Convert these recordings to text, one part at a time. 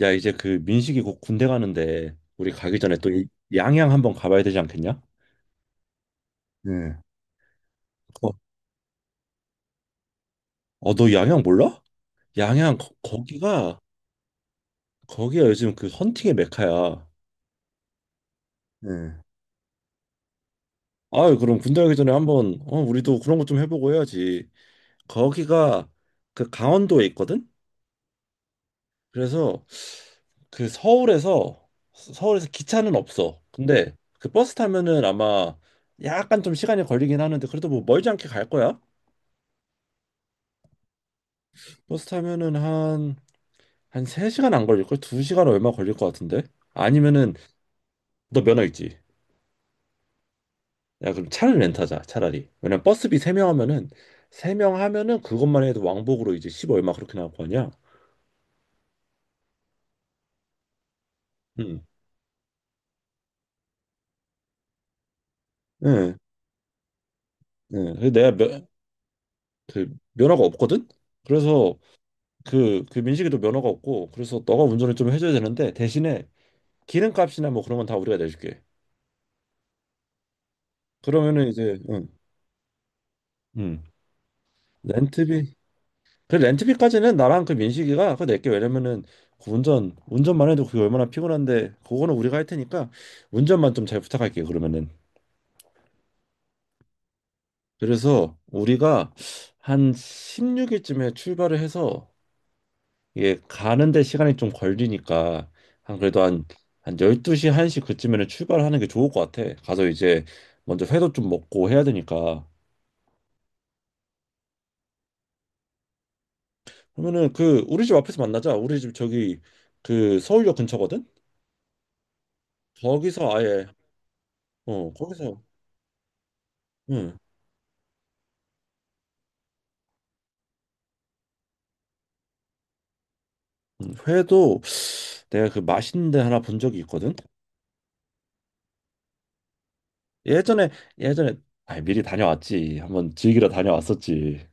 야, 이제 그 민식이 곧 군대 가는데 우리 가기 전에 또 양양 한번 가봐야 되지 않겠냐? 네. 어, 어, 너 양양 몰라? 양양 거, 거기가 거기가 요즘 그 헌팅의 메카야. 네. 아유, 그럼 군대 가기 전에 한번 우리도 그런 거 좀 해보고 해야지. 거기가 그 강원도에 있거든? 그래서 그 서울에서 기차는 없어. 근데 그 버스 타면은 아마 약간 좀 시간이 걸리긴 하는데 그래도 뭐 멀지 않게 갈 거야. 버스 타면은 한 3시간 안 걸릴걸? 2시간 얼마 걸릴 것 같은데? 아니면은 너 면허 있지? 야 그럼 차를 렌트하자 차라리. 왜냐면 버스비 3명 하면은 그것만 해도 왕복으로 이제 10 얼마 그렇게 나올 거 아니야? 응, 응, 응. 그래서 그 면허가 없거든? 그래서 그 민식이도 면허가 없고 그래서 너가 운전을 좀 해줘야 되는데, 대신에 기름값이나 뭐 그런 건 다 우리가 내줄게. 그러면은 이제 응, 응. 렌트비 그 렌트비까지는 나랑 그 민식이가 그거 낼게. 왜냐면은 그 운전만 해도 그게 얼마나 피곤한데. 그거는 우리가 할 테니까 운전만 좀 잘 부탁할게 요. 그러면은 그래서 우리가 한 16일쯤에 출발을 해서, 이게 가는데 시간이 좀 걸리니까 한 그래도 한 한 12시 1시 그쯤에는 출발하는 게 좋을 것 같아. 가서 이제 먼저 회도 좀 먹고 해야 되니까. 그러면은 그 우리 집 앞에서 만나자. 우리 집 저기 그 서울역 근처거든. 거기서 아예 거기서. 응. 응, 회도 내가 그 맛있는 데 하나 본 적이 있거든. 예전에 예전에 아 미리 다녀왔지. 한번 즐기러 다녀왔었지.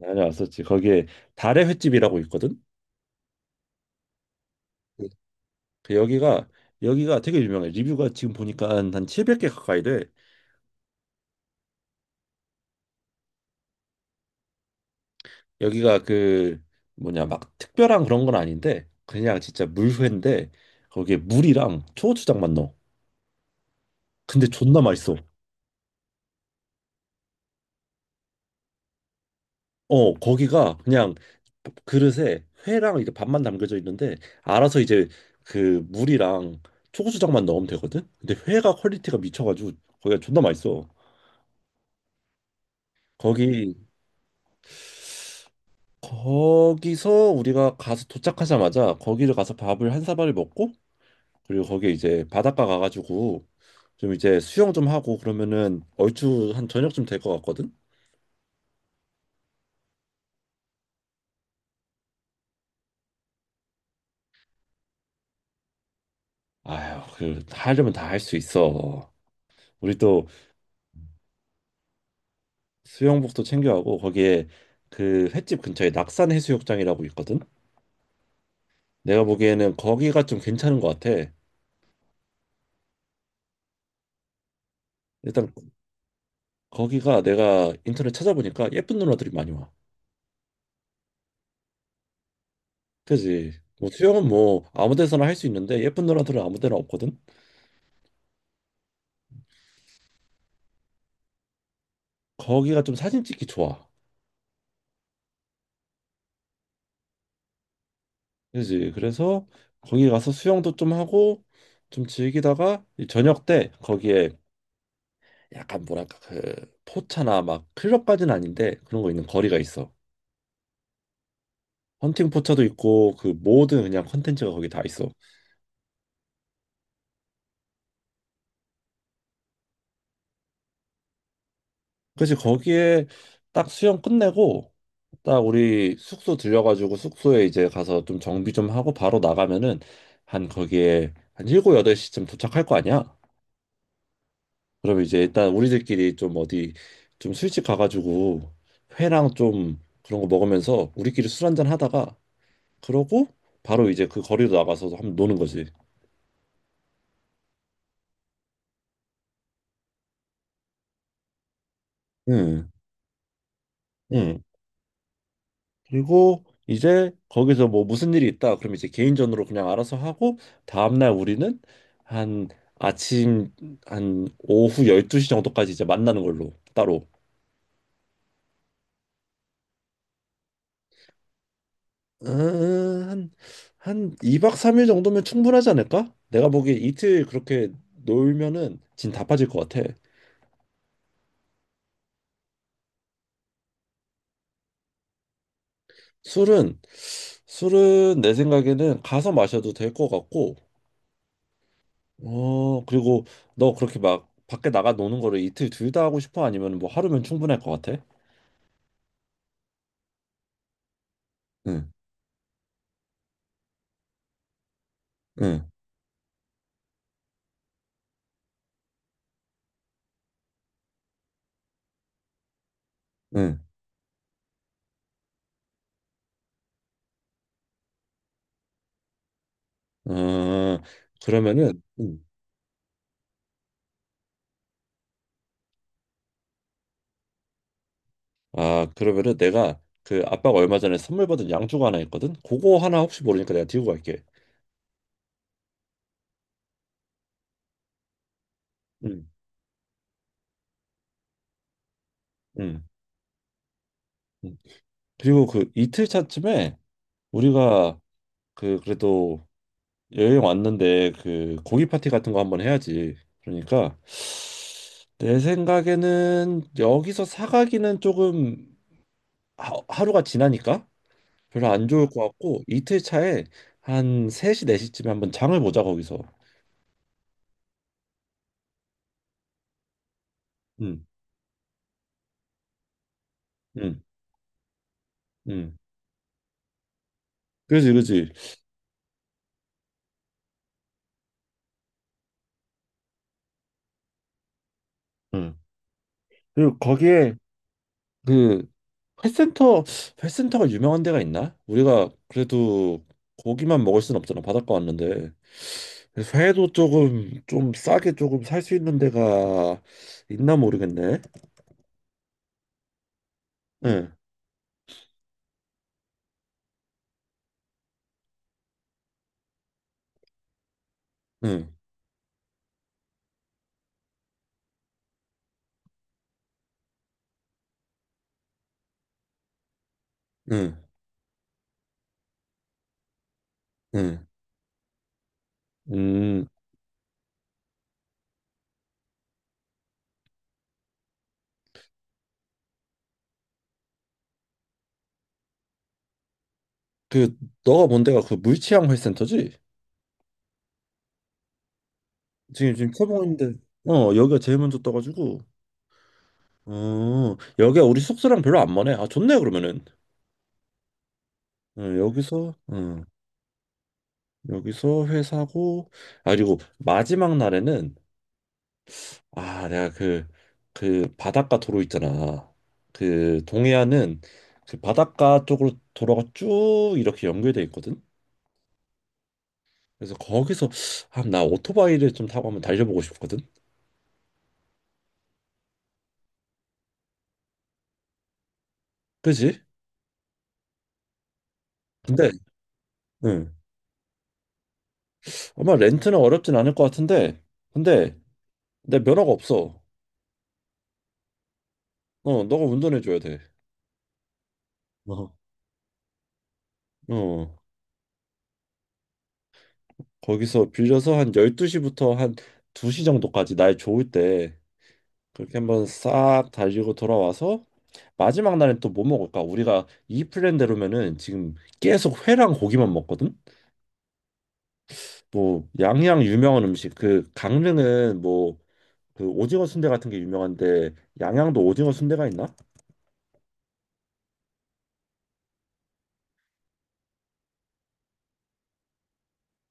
다녀왔었지. 거기에 달의 횟집이라고 있거든. 네. 그그 여기가 되게 유명해. 리뷰가 지금 보니까 한 700개 가까이 돼. 여기가 그 뭐냐 막 특별한 그런 건 아닌데 그냥 진짜 물회인데 거기에 물이랑 초고추장만 넣어. 근데 존나 맛있어. 어, 거기가 그냥 그릇에 회랑 이렇게 밥만 담겨져 있는데, 알아서 이제 그 물이랑 초고추장만 넣으면 되거든. 근데 회가 퀄리티가 미쳐가지고 거기가 존나 맛있어. 거기 거기서 우리가 가서 도착하자마자 거기를 가서 밥을 한 사발을 먹고, 그리고 거기에 이제 바닷가 가가지고 좀 이제 수영 좀 하고 그러면은 얼추 한 저녁쯤 될 것 같거든. 아휴, 그 하려면 다 할 수 있어. 우리 또 수영복도 챙겨가고 거기에 그 횟집 근처에 낙산 해수욕장이라고 있거든. 내가 보기에는 거기가 좀 괜찮은 것 같아. 일단 거기가 내가 인터넷 찾아보니까 예쁜 누나들이 많이 와. 그지? 뭐 수영은 뭐 아무 데서나 할 수 있는데 예쁜 누나들은 아무 데나 없거든. 거기가 좀 사진 찍기 좋아. 그지? 그래서 거기 가서 수영도 좀 하고 좀 즐기다가 이 저녁 때 거기에 약간 뭐랄까 그 포차나 막 클럽까지는 아닌데 그런 거 있는 거리가 있어. 헌팅 포차도 있고 그 모든 그냥 컨텐츠가 거기 다 있어. 그래서 거기에 딱 수영 끝내고 딱 우리 숙소 들려가지고 숙소에 이제 가서 좀 정비 좀 하고 바로 나가면은 한 거기에 한 7, 8시쯤 도착할 거 아니야? 그럼 이제 일단 우리들끼리 좀 어디 좀 술집 가가지고 회랑 좀 그런 거 먹으면서 우리끼리 술 한잔 하다가, 그러고 바로 이제 그 거리로 나가서 한번 노는 거지. 응. 응. 그리고 이제 거기서 뭐 무슨 일이 있다. 그럼 이제 개인전으로 그냥 알아서 하고, 다음날 우리는 한 아침 한 오후 12시 정도까지 이제 만나는 걸로 따로. 음, 한, 한 2박 3일 정도면 충분하지 않을까? 내가 보기에 이틀 그렇게 놀면은 진 다 빠질 것 같아. 술은 술은 내 생각에는 가서 마셔도 될 것 같고. 어, 그리고 너 그렇게 막 밖에 나가 노는 거를 이틀 둘 다 하고 싶어? 아니면 뭐 하루면 충분할 것 같아? 응, 응, 응. 아, 그러면은, 응. 아, 그러면은 내가 그 아빠가 얼마 전에 선물 받은 양주가 하나 있거든? 그거 하나 혹시 모르니까 내가 들고 갈게. 응, 응, 응. 그리고 그 이틀 차쯤에 우리가 그 그래도 여행 왔는데 그 고기 파티 같은 거 한번 해야지. 그러니까 내 생각에는 여기서 사가기는 조금 하루가 지나니까 별로 안 좋을 것 같고, 이틀 차에 한 3시 4시쯤에 한번 장을 보자 거기서. 응 응 응 그지 그지 응. 그리고 거기에 그 회센터 회센터가 유명한 데가 있나? 우리가 그래도 고기만 먹을 순 없잖아 바닷가 왔는데. 그래서 회도 조금 좀 싸게 조금 살 수 있는 데가 있나 모르겠네. 응 응 응 응 음 그 너가 본 데가 그 물치향 회센터지? 지금 태봉인데 어 여기가 제일 먼저 떠가지고, 어 여기가 우리 숙소랑 별로 안 멀네. 아 좋네. 그러면은 어, 여기서 어 여기서 회사고. 아 그리고 마지막 날에는, 아 내가 그 그 바닷가 도로 있잖아. 그 동해안은 그 바닷가 쪽으로 도로가 쭉 이렇게 연결돼 있거든. 그래서 거기서 아, 나 오토바이를 좀 타고 한번 달려보고 싶거든. 그지. 근데 응 아마 렌트는 어렵진 않을 것 같은데, 근데 내 면허가 없어. 어, 너가 운전해 줘야 돼. 어. 어. 거기서 빌려서 한 12시부터 한 2시 정도까지 날 좋을 때 그렇게 한번 싹 달리고 돌아와서 마지막 날엔 또 뭐 먹을까? 우리가 이 플랜대로면은 지금 계속 회랑 고기만 먹거든. 뭐 양양 유명한 음식 그 강릉은 뭐 그 오징어 순대 같은 게 유명한데, 양양도 오징어 순대가 있나?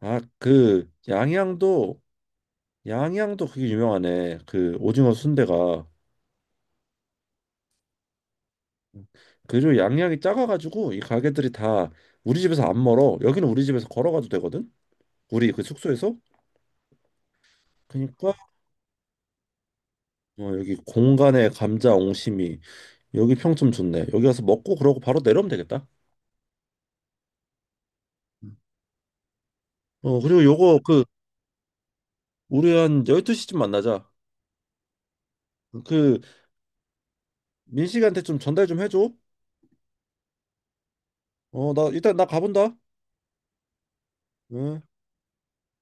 아, 그 양양도 그게 유명하네. 그 오징어 순대가. 그리고 양양이 작아가지고 이 가게들이 다 우리 집에서 안 멀어. 여기는 우리 집에서 걸어가도 되거든. 우리 그 숙소에서. 그러니까 어, 여기 공간에 감자 옹심이 여기 평점 좋네. 여기 가서 먹고 그러고 바로 내려오면 되겠다. 어 그리고 요거 그 우리 한 12시쯤 만나자. 그 민식이한테 좀 전달 좀 해줘. 어 나 일단 나 가본다. 응.